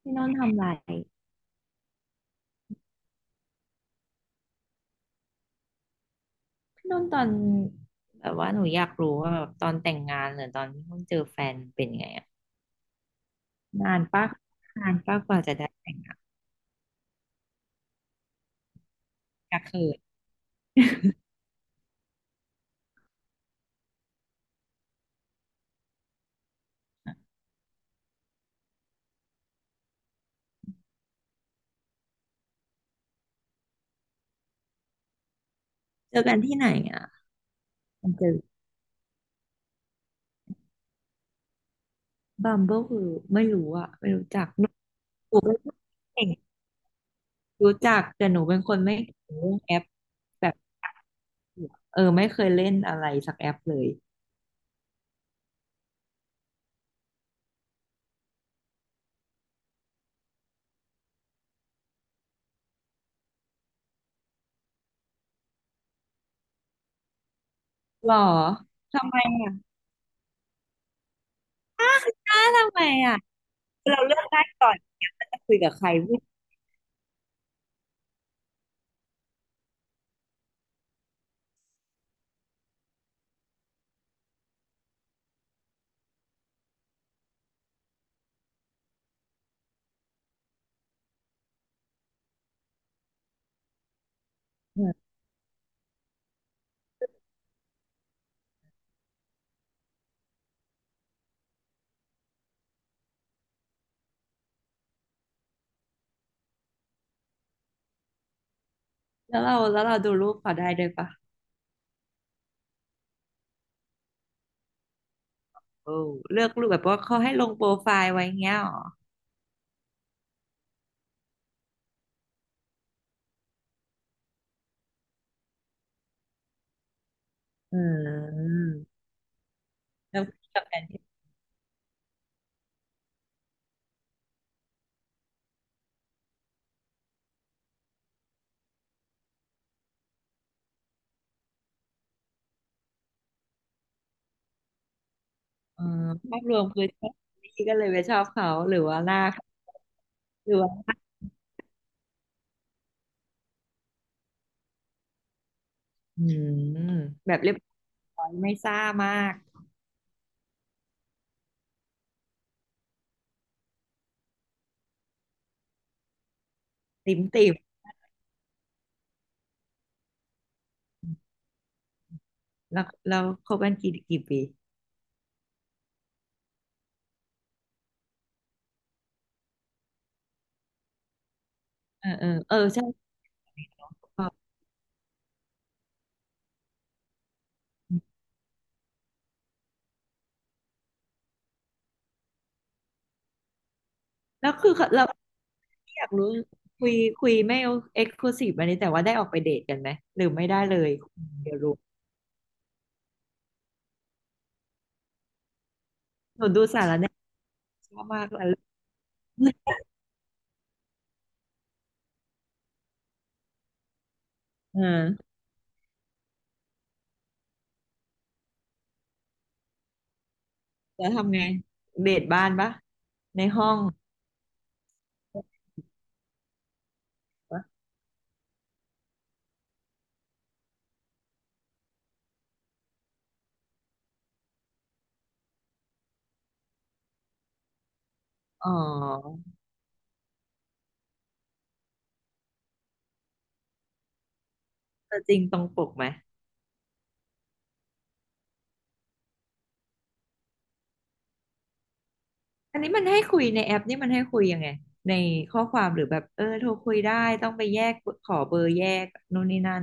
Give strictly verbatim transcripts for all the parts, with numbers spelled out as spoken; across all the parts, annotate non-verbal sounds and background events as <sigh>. พี่นนท์ทำอะไรพี่นนท์ตอนแบบว่าหนูอยากรู้ว่าแบบตอนแต่งงานหรือตอนที่เพิ่งเจอแฟนเป็นไงอะนานปะนานปะกว่าจะได้แต่งงานก็คือเจอกันที่ไหนอ่ะมันเจอบัมเบิลคือไม่รู้อ่ะไม่รู้จักหนูหนูเป็นคนเก่งรู้จักแต่หนูเป็นคนไม่เก่งเรื่องแอปแบบเออไม่เคยเล่นอะไรสักแอปเลยหรอทำไมอ่ะอ้าทำไมอ่ะเราเลือกได้ก่อนเนี่ยว่าจะคุยกับใครพูดเออ แล้วเราแล้วเราดูรูปเขาได้ด้วยปะโอ้เลือกรูปแบบว่าเขาให้ลงโปรไฟล์ไว้เงี้ยหรออืมแล้วกับแอนที่เออภาพรวมคือชอบนี่ก็เลยไปชอบเขาหรือว่าหน้าเขาหรือว่าอืมแบบเรียบร้อยไม่ซ่ามากติ่มติ่มแล้วเราคบกันกี่กี่ปีเออเออเออใช่แล้วคือเขาเราอยากรู้คุยคุยไม่เอ็กซ์คลูซีฟอันนี้แต่ว่าได้ออกไปเดทกันไหมหรือไม่ได้เลยเดี๋ยวรู้หนูดูสารแหนชอบมากเลย เออแล้วทำไงเดทบ้านปะในห้องปะอ๋อแต่จริงตรงปกไหมอันนี้มันให้คุยในแอปนี่มันให้คุยยังไงในข้อความหรือแบบเออโทรคุยได้ต้องไปแยกขอเบอร์แยกนู่นนี่นั่น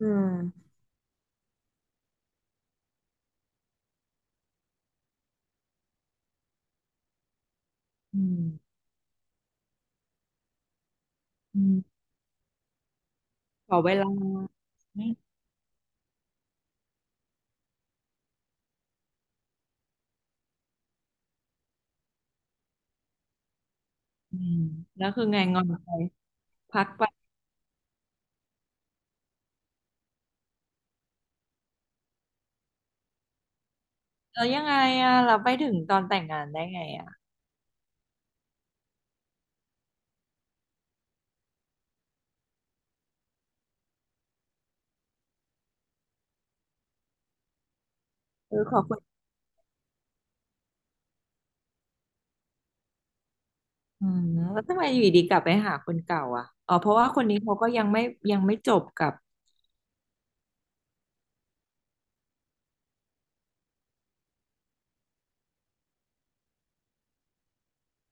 อืมอืมอืมขอเวลาไหมอืมแล้วคือไงงอนไปพักไปแล้วยังไงอ่ะเราไปถึงตอนแต่งงานได้ไงอ่ะเออขอ อืมแล้วทำไมอยู่ดีกลับไปหาคนเก่าอ่ะอ๋อเพราะว่าคนนี้เขาก็ยังไม่ยังไม่จบกับ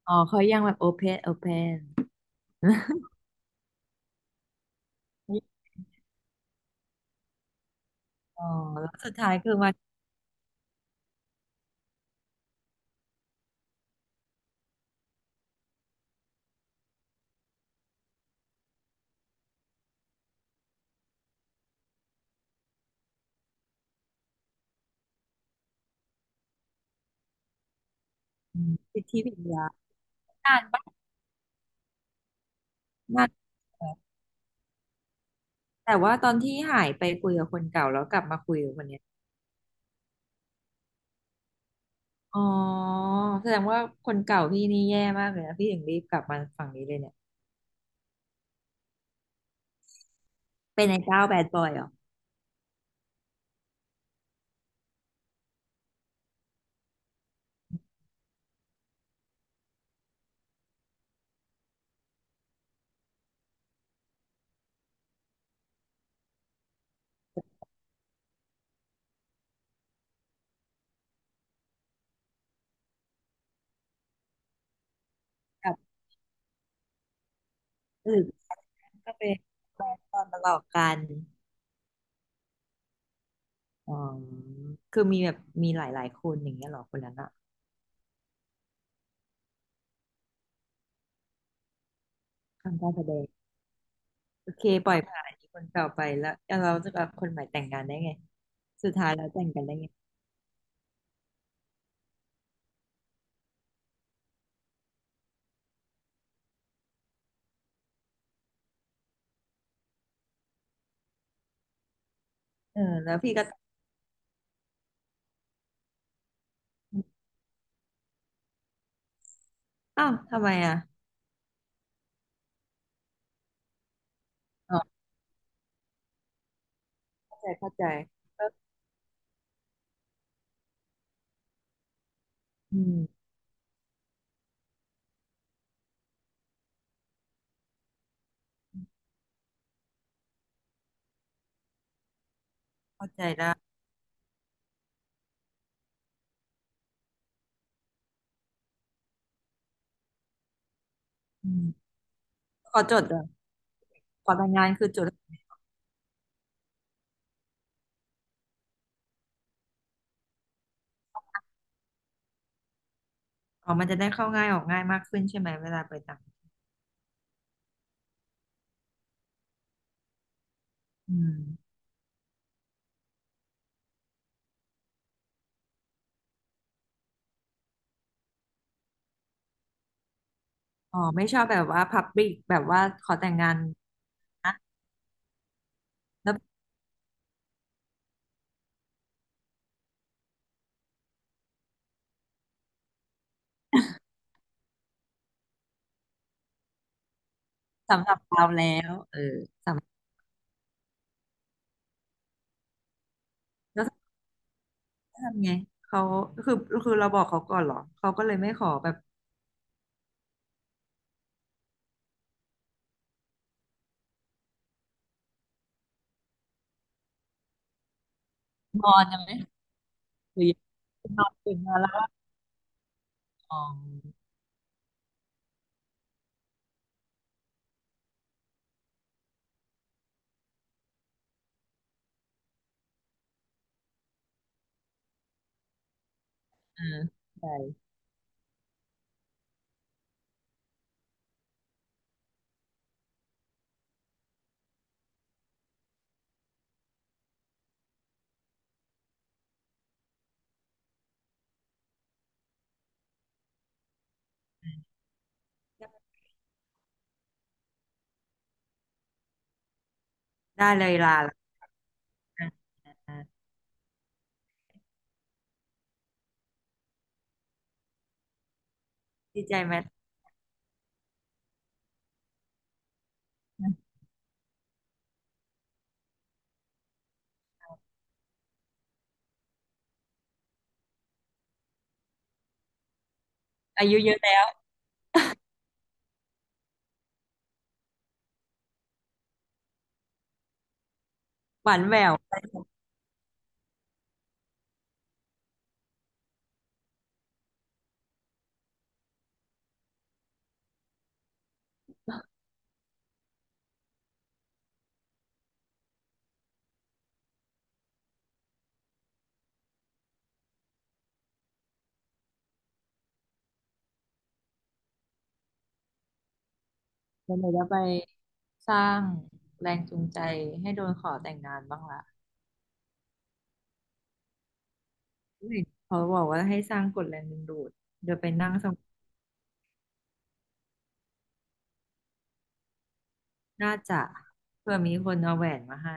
อ๋อเขายังแบบโอเพนโอ <laughs> เพนอ๋อแล้วสุดท้ายคือมาพิธีปิทยานานบ้างนานแหล้วแต่ว่าตอนที่หายไปคุยกับคนเก่าแล้วกลับมาคุยกับคนเนี้ยอ๋อแสดงว่าคนเก่าพี่นี่แย่มากเลยนะพี่ถึงรีบกลับมาฝั่งนี้เลยเนี่ยเป็นไอ้เจ้าแบดบอยเหรอกลับหรือก็เป็นแบดบอยมาหลอกกันอ๋อคือมีแบบมีหลายๆคนอย่างเงี้ยเหรอคนนั้นอะ ทำการแสดงโอเคปล่อยผ่านคนเก่าไปแล้วแล้วเราจะกับคนใหม่แต่งงานได้ไงสุดท้ายแล้วแต่งกันได้ไงเออแล้วพี่ก็อ้าวทำไมอ่ะอ๋อเข้าใจเข้าใจก็อืมเข้าใจได้อืมขอจดเหรอ่ะขอแต่งงานคือจดอ๋อมันจะได้เข้าง่ายออกง่ายมากขึ้นใช่ไหมเวลาไปต่างอืมอ๋อไม่ชอบแบบว่าพับบิกแบบว่าขอแต่งงานนะแล้วสำหรับเราแล้วเออแล้วทำไงเขาคือคือเราบอกเขาก่อนเหรอเขาก็เลยไม่ขอแบบงอนยังไง หรือยังนอนตื่นมาแล้วอ๋ออ่าใช่ได้เลยลาละอ่ะอ่ะดีใจไหมอายุเยอะแล้วหวานแหววแล้วเราจะไปสร้างแรงจูงใจให้โดนขอแต่งงานบ้างล่ะเนเขาบอกว่าให้สร้างกฎแรงดึงดูดเดี๋ยวไปนั่งสมาน่าจะเพื่อมีคนเอาแหวนมาให้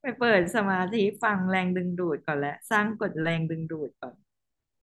ไปเปิดสมาธิฟังแรงดึงดูดก่อนแลวสร้างกฎแรงดึงดูดก่อน